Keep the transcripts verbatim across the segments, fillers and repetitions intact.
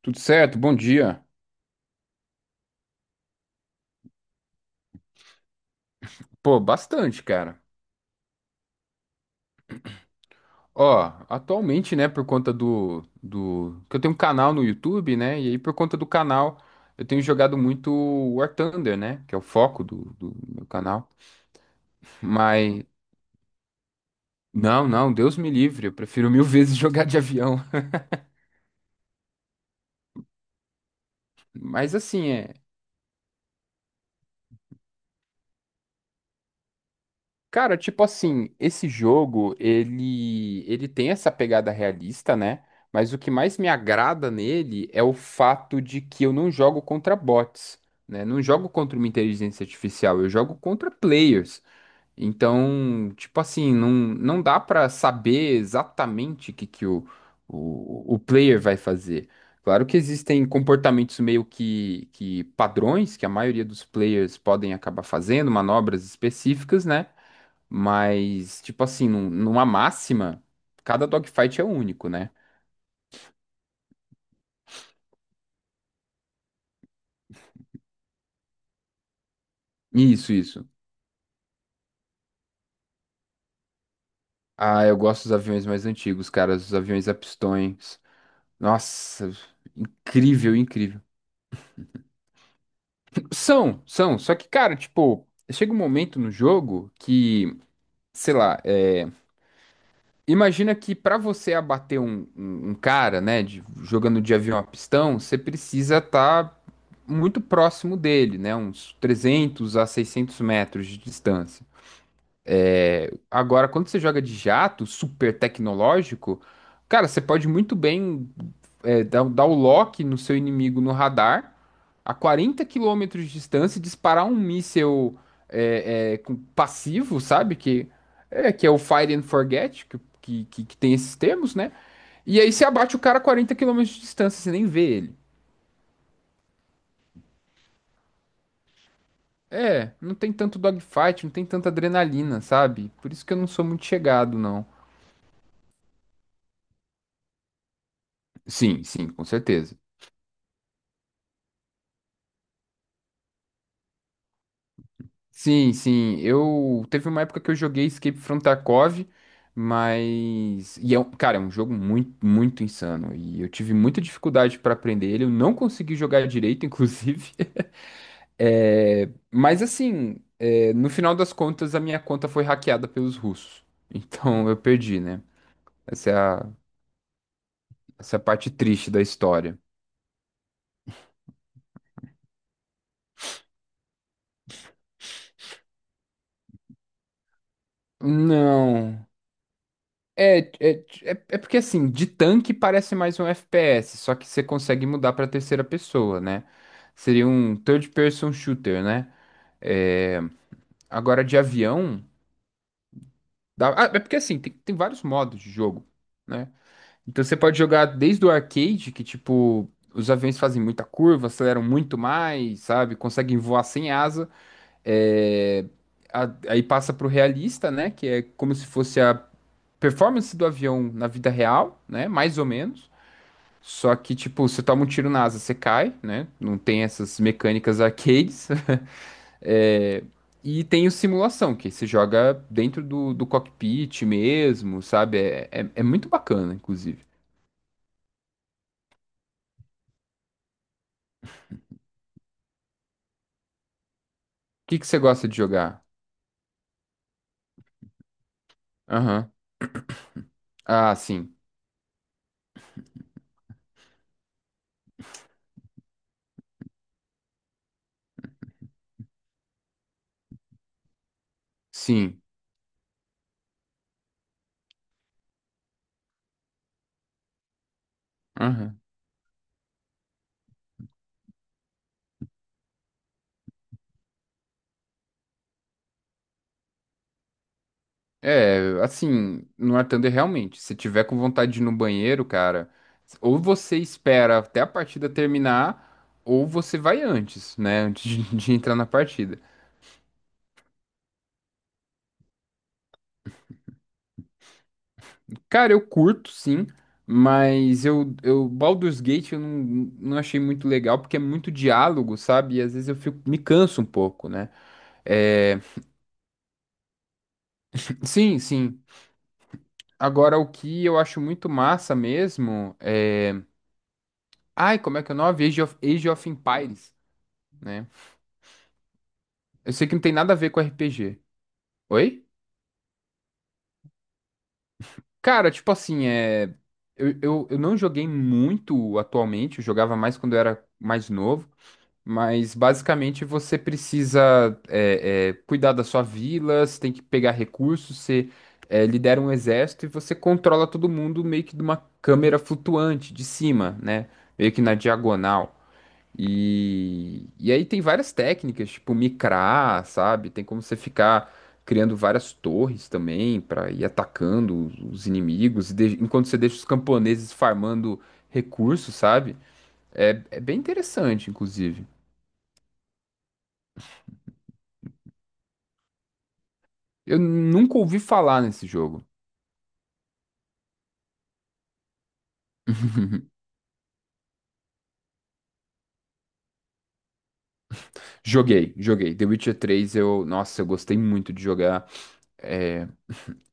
Tudo certo, bom dia. Pô, bastante, cara. Ó, atualmente, né, por conta do, do... que eu tenho um canal no YouTube, né, e aí por conta do canal eu tenho jogado muito War Thunder, né, que é o foco do, do meu canal. Mas, não, não, Deus me livre, eu prefiro mil vezes jogar de avião. Mas assim, é. Cara, tipo assim, esse jogo, ele, ele tem essa pegada realista, né? Mas o que mais me agrada nele é o fato de que eu não jogo contra bots, né? Não jogo contra uma inteligência artificial, eu jogo contra players. Então, tipo assim, não, não dá pra saber exatamente o que, que o, o, o player vai fazer. Claro que existem comportamentos meio que, que padrões que a maioria dos players podem acabar fazendo, manobras específicas, né? Mas, tipo assim, num- numa máxima, cada dogfight é único, né? Isso, isso. Ah, eu gosto dos aviões mais antigos, cara, os aviões a pistões. Nossa, incrível, incrível. São, são, só que, cara, tipo, chega um momento no jogo que, sei lá, é, imagina que pra você abater um, um- um cara, né, de- jogando de avião a pistão, você precisa estar muito próximo dele, né, uns trezentos a seiscentos metros de distância. Agora, quando você joga de jato, super tecnológico, cara, você pode muito bem é, dar, um, dar o lock no seu inimigo no radar, a quarenta quilômetros de distância, e disparar um míssel é, é, com- passivo, sabe? Que é, que é o Fire and Forget, que, que, que- que tem esses termos, né? E aí você abate o cara a quarenta quilômetros de distância, você nem vê ele. É, não tem tanto dogfight, não tem tanta adrenalina, sabe? Por isso que eu não sou muito chegado, não. Sim, sim, com certeza. Sim, sim. Eu teve uma época que eu joguei Escape from Tarkov, mas e é um, cara, é um jogo muito, muito insano e eu tive muita dificuldade para aprender ele. Eu não consegui jogar direito, inclusive. É, mas assim, é, no final das contas, a minha conta foi hackeada pelos russos. Então eu perdi, né? Essa é a, essa é a parte triste da história. Não. É, é, é, é porque assim, de tanque parece mais um F P S, só que você consegue mudar pra terceira pessoa, né? Seria um third person shooter, né? É, agora de avião. dá- Ah, é porque assim, tem, tem vários modos de jogo, né? Então você pode jogar desde o arcade, que tipo, os aviões fazem muita curva, aceleram muito mais, sabe? Conseguem voar sem asa. É, a- aí passa pro realista, né? Que é como se fosse a performance do avião na vida real, né? Mais ou menos. Só que, tipo, você toma um tiro na asa, você cai, né? Não tem essas mecânicas arcades. É, E tem o simulação, que você joga dentro do, do cockpit mesmo, sabe? É, é, é muito bacana, inclusive. O que que você gosta de jogar? Aham. Ah, sim. Sim. Aham. É, assim, no War Thunder, realmente, se tiver com vontade de ir no banheiro, cara, ou você espera até a partida terminar, ou você vai antes, né? Antes de de entrar na partida. Cara, eu curto, sim, mas eu, eu Baldur's Gate eu não, não, achei muito legal porque é muito diálogo, sabe? E às vezes eu fico, me canso um pouco, né? É, sim, sim. Agora, o que eu acho muito massa mesmo é. Ai, como é que é o nome? Age of, Age of Empires, né? Eu sei que não tem nada a ver com R P G. Oi? Cara, tipo assim, é. Eu, eu, eu não joguei muito atualmente, eu jogava mais quando eu era mais novo. Mas basicamente você precisa é, é, cuidar da sua vila, você tem que pegar recursos, você é, lidera um exército e você controla todo mundo meio que de uma câmera flutuante de cima, né? Meio que na diagonal. E, e aí tem várias técnicas, tipo micrar, sabe? Tem como você ficar criando várias torres também para ir atacando os os inimigos, e de- enquanto você deixa os camponeses farmando recursos, sabe? É, é bem interessante, inclusive. Eu nunca ouvi falar nesse jogo. Joguei, joguei. The Witcher três, eu, nossa, eu gostei muito de jogar. É,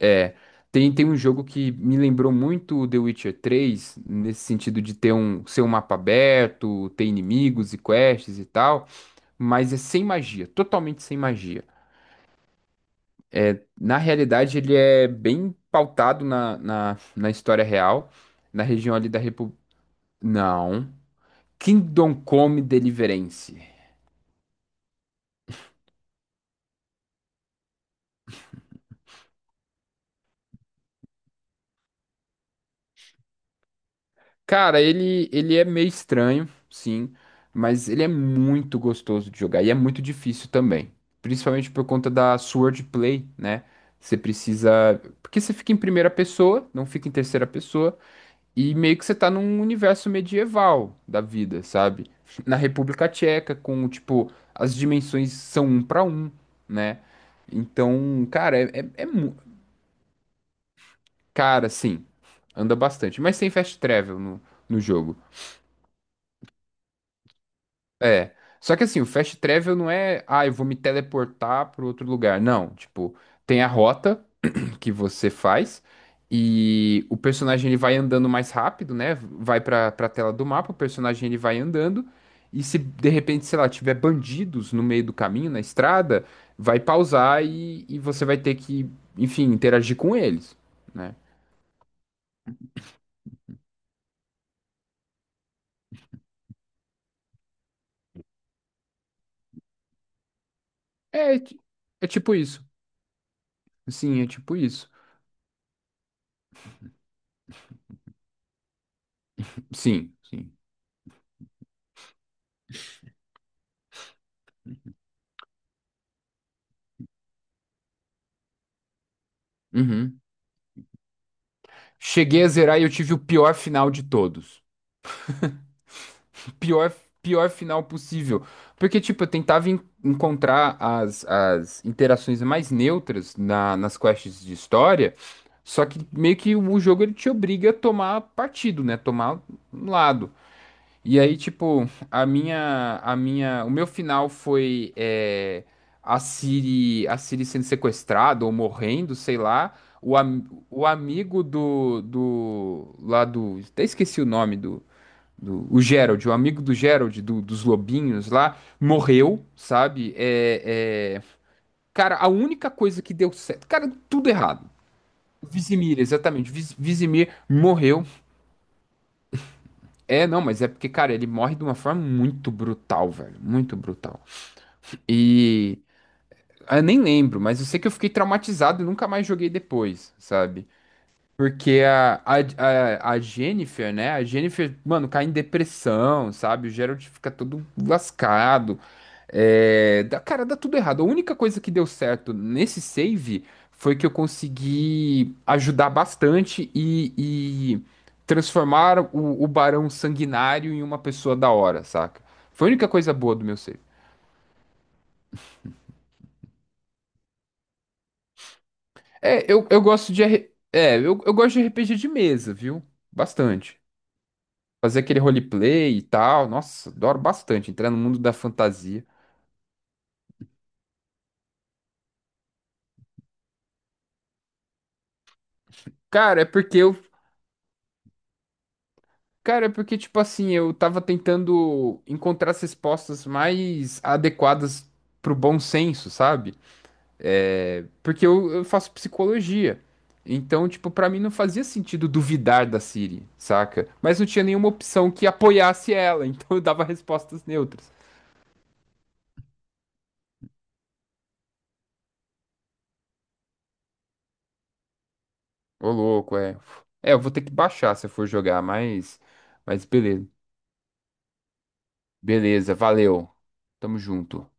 é, tem, tem um jogo que me lembrou muito o The Witcher três nesse sentido de ter um, ser um mapa aberto, ter inimigos e quests e tal, mas é sem magia, totalmente sem magia. É, na realidade, ele é bem pautado na, na, na história real, na região ali da República. Não. Kingdom Come Deliverance. Cara, ele, ele é meio estranho, sim, mas ele é muito gostoso de jogar e é muito difícil também. Principalmente por conta da swordplay, né? Você precisa. Porque você fica em primeira pessoa, não fica em terceira pessoa, e meio que você tá num universo medieval da vida, sabe? Na República Tcheca, com, tipo, as dimensões são um pra um, né? Então, cara, é, é, é mu- Cara, sim, anda bastante, mas tem fast travel no, no jogo. É. Só que assim, o fast travel não é, ah, eu vou me teleportar para outro lugar. Não, tipo, tem a rota que você faz e o personagem ele vai andando mais rápido, né? Vai para para tela do mapa, o personagem ele vai andando e se de repente, sei lá, tiver bandidos no meio do caminho, na estrada, vai pausar e, e você vai ter que, enfim, interagir com eles, né? É, é ti- é tipo isso. Sim, é tipo isso. Sim, sim. Uhum. Cheguei a zerar e eu tive o pior final de todos. O pior, pior final possível. Porque, tipo, eu tentava en- encontrar as, as, interações mais neutras na- nas quests de história, só que meio que o jogo ele te obriga a tomar partido, né? Tomar um lado. E aí, tipo, a minha, a minha, o meu final foi é, a Siri, a Siri sendo sequestrada ou morrendo, sei lá. O, am, o amigo do, do, lá do, até esqueci o nome do, do, o Gerald, o amigo do Gerald, do- dos lobinhos lá, morreu, sabe? É, é, cara, a única coisa que deu certo, cara, tudo errado. Vizimir, exatamente, Viz, Vizimir morreu. É, não, mas é porque, cara, ele morre de uma forma muito brutal, velho. Muito brutal. E. ah, Eu nem lembro, mas eu sei que eu fiquei traumatizado e nunca mais joguei depois, sabe? Porque a, a, a, a Jennifer, né? A Jennifer, mano, cai em depressão, sabe? O Gerald fica todo lascado. É, dá- cara, dá tudo errado. A única coisa que deu certo nesse save foi que eu consegui ajudar bastante e, e transformar o, o Barão Sanguinário em uma pessoa da hora, saca? Foi a única coisa boa do meu save. É, eu, eu gosto de. R- É, eu, eu gosto de R P G de mesa, viu? Bastante. Fazer aquele roleplay e tal. Nossa, adoro bastante entrar no mundo da fantasia. Cara, é porque eu, cara, é porque tipo assim, eu tava tentando encontrar as respostas mais adequadas pro bom senso, sabe? É, porque eu, eu faço psicologia. Então, tipo, pra mim não fazia sentido duvidar da Siri, saca? Mas não tinha nenhuma opção que apoiasse ela, então eu dava respostas neutras. Ô, louco, é. É, eu vou ter que baixar se eu for jogar, mas mas beleza. Beleza, valeu. Tamo junto.